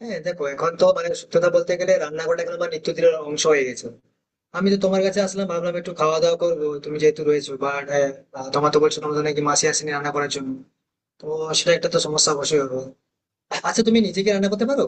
হ্যাঁ, দেখো এখন তো মানে সত্যি কথা বলতে গেলে রান্নাঘরটা এখন আমার নিত্যদিনের অংশ হয়ে গেছে। আমি তো তোমার কাছে আসলাম, ভাবলাম একটু খাওয়া দাওয়া করবো তুমি যেহেতু রয়েছো, বাট তোমার তো বলছো তোমাদের নাকি মাসি আসেনি রান্না করার জন্য। তো সেটা একটা তো সমস্যা অবশ্যই হবে। আচ্ছা, তুমি নিজে কি রান্না করতে পারো?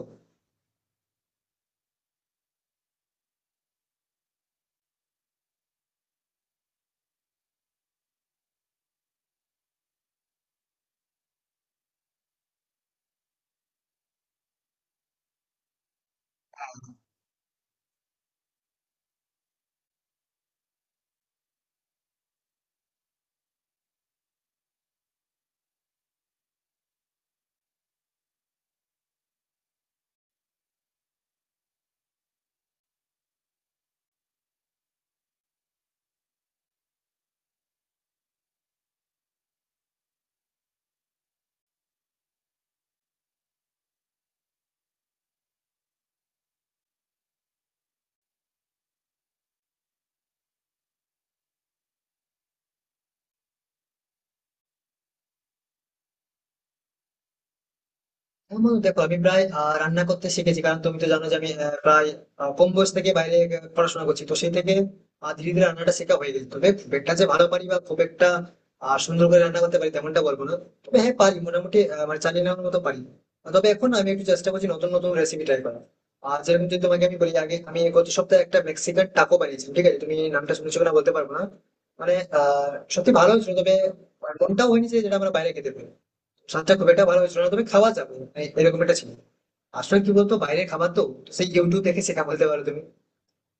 হ্যাঁ বন্ধু, দেখো আমি প্রায় রান্না করতে শিখেছি, কারণ তুমি তো জানো যে আমি প্রায় কম বয়স থেকে বাইরে পড়াশোনা করছি, তো সেই থেকে ধীরে ধীরে রান্নাটা শেখা হয়ে গেছে। তবে খুব একটা যে ভালো পারি বা খুব একটা সুন্দর করে রান্না করতে পারি তেমনটা বলবো না। তবে হ্যাঁ, পারি মোটামুটি, মানে চালিয়ে নেওয়ার মতো পারি। তবে এখন আমি একটু চেষ্টা করছি নতুন নতুন রেসিপি ট্রাই করার। আর যেরকম যদি তোমাকে আমি বলি, আগে আমি গত সপ্তাহে একটা মেক্সিকান টাকো বানিয়েছি, ঠিক আছে? তুমি নামটা শুনেছো কিনা বলতে পারবো না। মানে সত্যি ভালো হয়েছিল, তবে মনটাও হয়নি যে যেটা আমরা বাইরে খেতে পারি, স্বাদটা খুব একটা ভালো হয়েছিল না, তবে খাওয়া যাবে মানে এরকম একটা ছিল। আসলে কি বলতো, বাইরে খাবার তো তো সেই ইউটিউব দেখে শেখা বলতে পারো তুমি।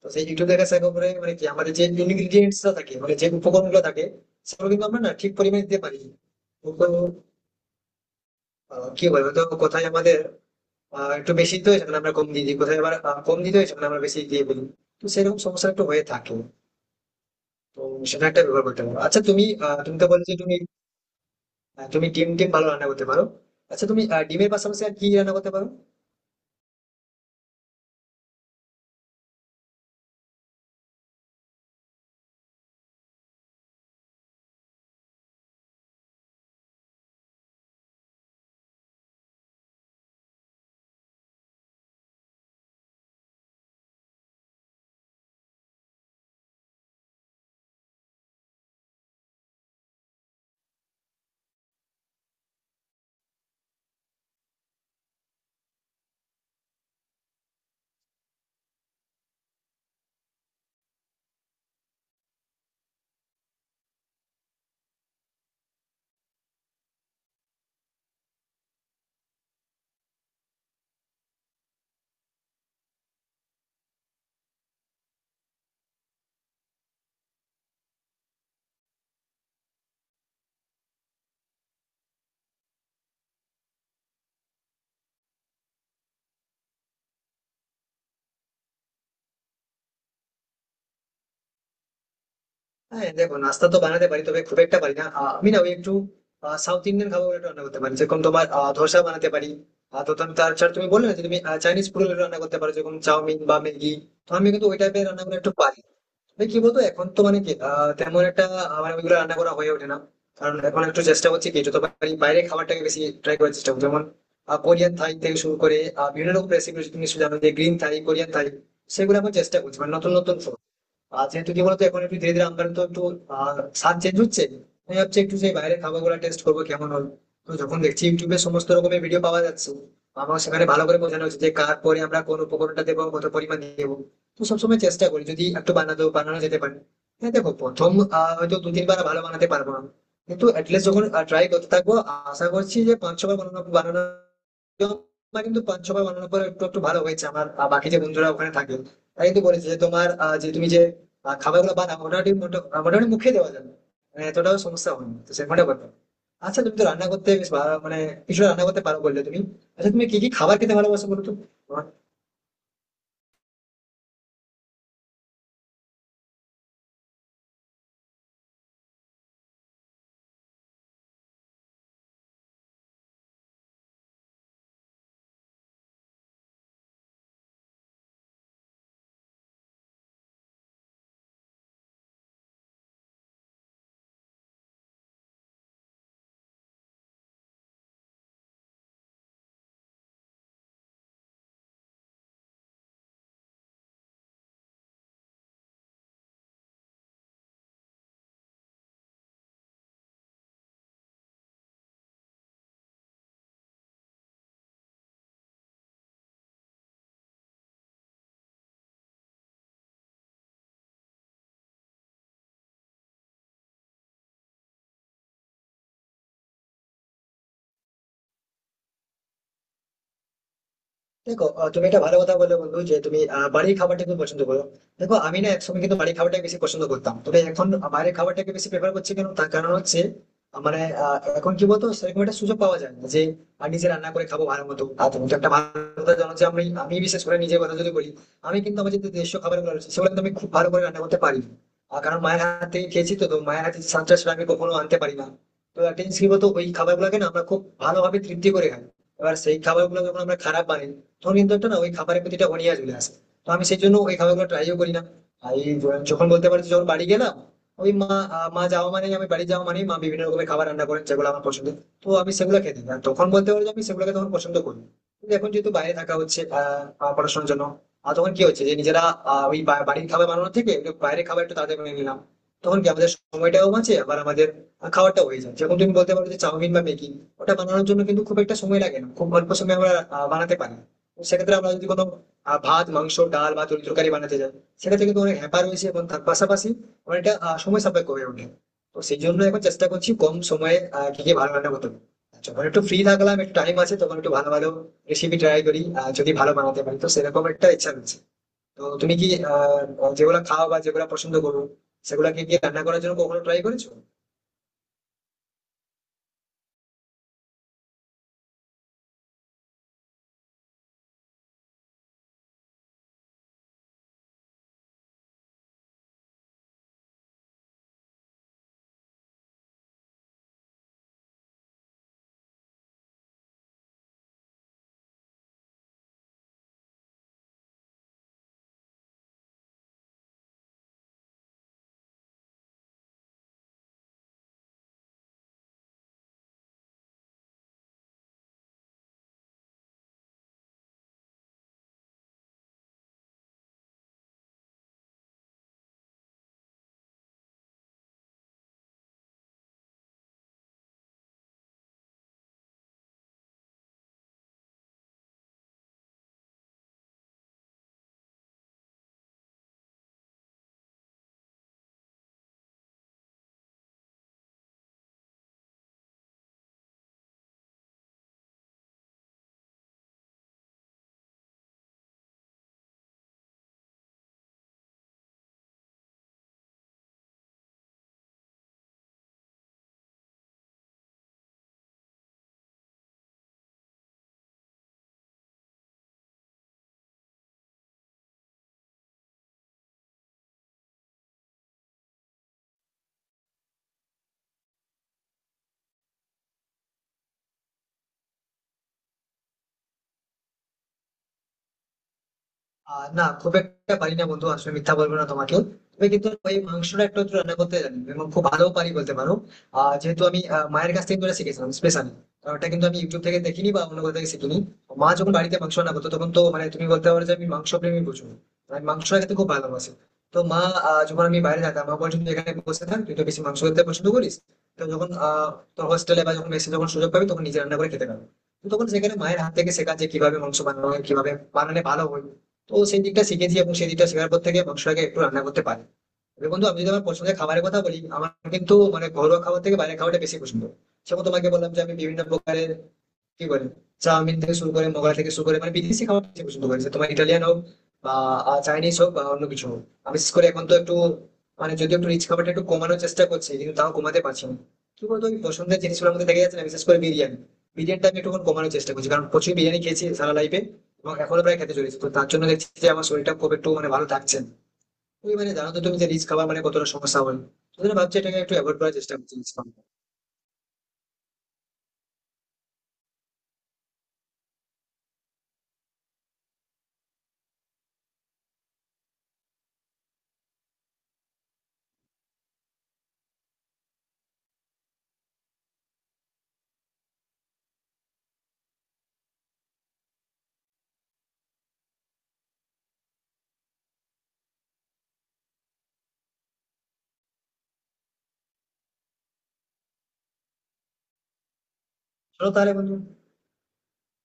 তো সেই ইউটিউব দেখে শেখা করে মানে কি, আমাদের যে ইনগ্রিডিয়েন্টস থাকে, মানে যে উপকরণ গুলো থাকে, সেগুলো কিন্তু আমরা না ঠিক পরিমাণে দিতে পারি না। কিন্তু কি বলবো, তো কোথায় আমাদের একটু বেশি দিতে হয় সেখানে আমরা কম দিয়ে দিই, কোথায় আবার কম দিতে হয় সেখানে আমরা বেশি দিয়ে বলি। তো সেরকম সমস্যা একটু হয়ে থাকে। তো সেটা একটা ব্যবহার করতে পারো। আচ্ছা তুমি আহ, তুমি তো বলছো তুমি তুমি ডিম টিম ভালো রান্না করতে পারো। আচ্ছা, তুমি ডিমের পাশাপাশি আর কি রান্না করতে পারো? হ্যাঁ দেখো, নাস্তা তো বানাতে পারি তবে খুব একটা পারি না। আমি না ওই একটু সাউথ ইন্ডিয়ান খাবার একটু রান্না করতে পারি, যেরকম তোমার ধোসা বানাতে পারি। তো তুমি তাছাড়া তুমি বললে না যে তুমি চাইনিজ ফুড রান্না করতে পারো, যেরকম চাউমিন বা ম্যাগি। তো আমি কিন্তু ওই টাইপের রান্না করে একটু পারি। তবে কি বলতো, এখন তো মানে কি তেমন একটা মানে ওইগুলো রান্না করা হয়ে ওঠে না। কারণ এখন একটু চেষ্টা করছি কি, যত পারি বাইরে খাবারটাকে বেশি ট্রাই করার চেষ্টা করছি, যেমন কোরিয়ান থাই থেকে শুরু করে বিভিন্ন রকম রেসিপি। তুমি নিশ্চয়ই জানো যে গ্রিন থাই, কোরিয়ান থাই, সেগুলো আমি চেষ্টা করছি মানে নতুন নতুন। আর যেহেতু কি বলতো, এখন একটু ধীরে ধীরে আমার তো একটু স্বাদ চেঞ্জ হচ্ছে। আমি ভাবছি একটু সেই বাইরের খাবার গুলা টেস্ট করবো কেমন হবে। তো যখন দেখছি ইউটিউবে সমস্ত রকমের ভিডিও পাওয়া যাচ্ছে, আমার সেখানে ভালো করে বোঝানো হচ্ছে যে কার পরে আমরা কোন উপকরণটা দেবো, কত পরিমাণ দেবো। তো সবসময় চেষ্টা করি যদি একটু বানাতে বানানো যেতে পারে। হ্যাঁ দেখো, প্রথম হয়তো দু তিনবার ভালো বানাতে পারবো না, কিন্তু অ্যাটলিস্ট যখন ট্রাই করতে থাকবো, আশা করছি যে পাঁচ ছবার বানানো বানানো তোমার কিন্তু পাঁচ ছবার বানানোর পর একটু একটু ভালো হয়েছে। আমার বাকি যে বন্ধুরা ওখানে থাকে, তারা কিন্তু বলেছে যে তোমার আহ, যে তুমি যে খাবারগুলো বানাও মোটামুটি মোটামুটি মুখে দেওয়া যাবে, মানে এতটাও সমস্যা হয়নি, তো সেরকমটা ব্যাপার। আচ্ছা, তুমি তো রান্না করতে মানে কিছু রান্না করতে পারো বললে তুমি। আচ্ছা তুমি কি কি খাবার খেতে ভালোবাসো বলো তো? দেখো তুমি একটা ভালো কথা বলে বন্ধু, যে তুমি বাড়ির খাবারটা খুব পছন্দ করো। দেখো, আমি না একসময় কিন্তু বাড়ির খাবারটাকে বেশি পছন্দ করতাম, তবে এখন বাইরের খাবারটাকে বেশি প্রেফার করছি। কেন তার কারণ হচ্ছে এখন কি বলতো সেরকম একটা সুযোগ পাওয়া যায় না যে নিজে রান্না করে খাবো ভালো মতো। আর তুমি তো একটা ভালো কথা জানো যে আমি আমি বিশেষ করে নিজের কথা যদি বলি, আমি কিন্তু আমার যে দেশীয় খাবার গুলো রয়েছে সেগুলো কিন্তু আমি খুব ভালো করে রান্না করতে পারি। আর কারণ মায়ের হাতে খেয়েছি, তো তো মায়ের হাতে স্বাদটা সেটা আমি কখনো আনতে পারি না। তো একটা জিনিস কি বলতো, ওই খাবার গুলাকে না আমরা খুব ভালোভাবে তৃপ্তি করে খাই, এবার সেই খাবার গুলো যখন আমরা খারাপ বানাই, ধরুন কিন্তু একটা না ওই খাবারের প্রতি একটা অনীহা চলে আসে। তো আমি সেই জন্য ওই খাবারগুলো ট্রাইও করি না। আর এই যখন বলতে পারি, যখন বাড়ি গেলাম ওই মা, আহ, মা যাওয়া মানেই আমি বাড়ি যাওয়া মানেই মা বিভিন্ন রকমের খাবার রান্না করেন যেগুলো আমার পছন্দ। তো আমি সেগুলো খেতে দিই, আর তখন বলতে পারি যে আমি সেগুলোকে তখন পছন্দ করি। কিন্তু এখন যেহেতু বাইরে থাকা হচ্ছে আহ, আহ, পড়াশোনার জন্য, আর তখন কি হচ্ছে যে নিজেরা বাড়ির খাবার বানানোর থেকে একটু বাইরের খাবার একটু তাড়াতাড়ি বানিয়ে নিলাম, তখন কি আমাদের সময়টাও বাঁচে আবার আমাদের খাওয়াটা হয়ে যায়। যেমন তুমি বলতে পারো যে চাউমিন বা ম্যাগি, ওটা বানানোর জন্য কিন্তু খুব একটা সময় লাগে না, খুব অল্প সময় আমরা বানাতে পারি। সেক্ষেত্রে আমরা যদি কোনো ভাত মাংস ডাল বা তরি তরকারি বানাতে যাই, সেক্ষেত্রে কিন্তু অনেক হ্যাপা রয়েছে, এবং তার পাশাপাশি অনেকটা সময় সাপেক্ষ হয়ে ওঠে। তো সেই জন্য এখন চেষ্টা করছি কম সময়ে কি কি ভালো রান্না করতে পারি। যখন একটু ফ্রি থাকলাম, একটু টাইম আছে, তখন একটু ভালো ভালো রেসিপি ট্রাই করি, যদি ভালো বানাতে পারি তো সেরকম একটা ইচ্ছা রয়েছে। তো তুমি কি যেগুলো খাও বা যেগুলো পছন্দ করো, সেগুলা কি কি রান্না করার জন্য কখনো ট্রাই করেছো? না, খুব একটা পারি না বন্ধু, আসলে মিথ্যা বলবো না তোমাকে। তবে কিন্তু ওই মাংসটা একটু একটু রান্না করতে জানি, এবং খুব ভালো পারি বলতে পারো। যেহেতু আমি মায়ের কাছ থেকে করে শিখেছিলাম স্পেশালি, কারণ ওটা কিন্তু আমি ইউটিউব থেকে দেখিনি বা অন্য কোথাও থেকে শিখিনি। মা যখন বাড়িতে মাংস রান্না করতো, তখন তো মানে তুমি বলতে পারো যে আমি মাংস প্রেমী প্রচুর, মানে আমি মাংস খেতে খুব ভালোবাসি। তো মা যখন আমি বাইরে যেতাম, মা বলছিল "তুই এখানে বসে থাক, তুই তো বেশি মাংস খেতে পছন্দ করিস, তো যখন তোর হোস্টেলে বা যখন মেসে যখন সুযোগ পাবি তখন নিজে রান্না করে খেতে পারবি। তো তখন সেখানে মায়ের হাত থেকে শেখা, যে কিভাবে মাংস বানানো হয়, কিভাবে বানালে ভালো হয়। তো সেই দিকটা শিখেছি, এবং সেই দিকটা শেখার পর থেকে মাংসটাকে একটু রান্না করতে পারি। তবে বন্ধু, আমি যদি আমার পছন্দের খাবারের কথা বলি, আমার কিন্তু মানে ঘরোয়া খাবার থেকে বাইরের খাবারটা বেশি পছন্দ। সেরকম তোমাকে বললাম যে আমি বিভিন্ন প্রকারের কি বলে, চাউমিন থেকে শুরু করে মোগলাই থেকে শুরু করে, মানে বিদেশি খাবার বেশি পছন্দ করি, সে তোমার ইটালিয়ান হোক বা চাইনিজ হোক বা অন্য কিছু হোক। আমি বিশেষ করে এখন তো একটু মানে যদি একটু রিচ খাবারটা একটু কমানোর চেষ্টা করছি, কিন্তু তাও কমাতে পারছি না। কি বলতো, ওই পছন্দের জিনিসগুলোর মধ্যে দেখা যাচ্ছে না, বিশেষ করে বিরিয়ানি। বিরিয়ানিটা আমি একটু কমানোর চেষ্টা করছি, কারণ প্রচুর বিরিয়ানি খেয়েছি সারা লাইফে, এবং এখনো প্রায় খেতে চলেছি। তো তার জন্য দেখছি যে আমার শরীরটা খুব একটু মানে ভালো থাকছে না। তুমি মানে জানো তো তুমি, যে রিচ খাবার মানে কতটা সমস্যা হয়। ওই জন্য ভাবছি এটাকে একটু অ্যাভয়েড করার চেষ্টা করছি রিচ খাবার। চলো তাহলে বন্ধু।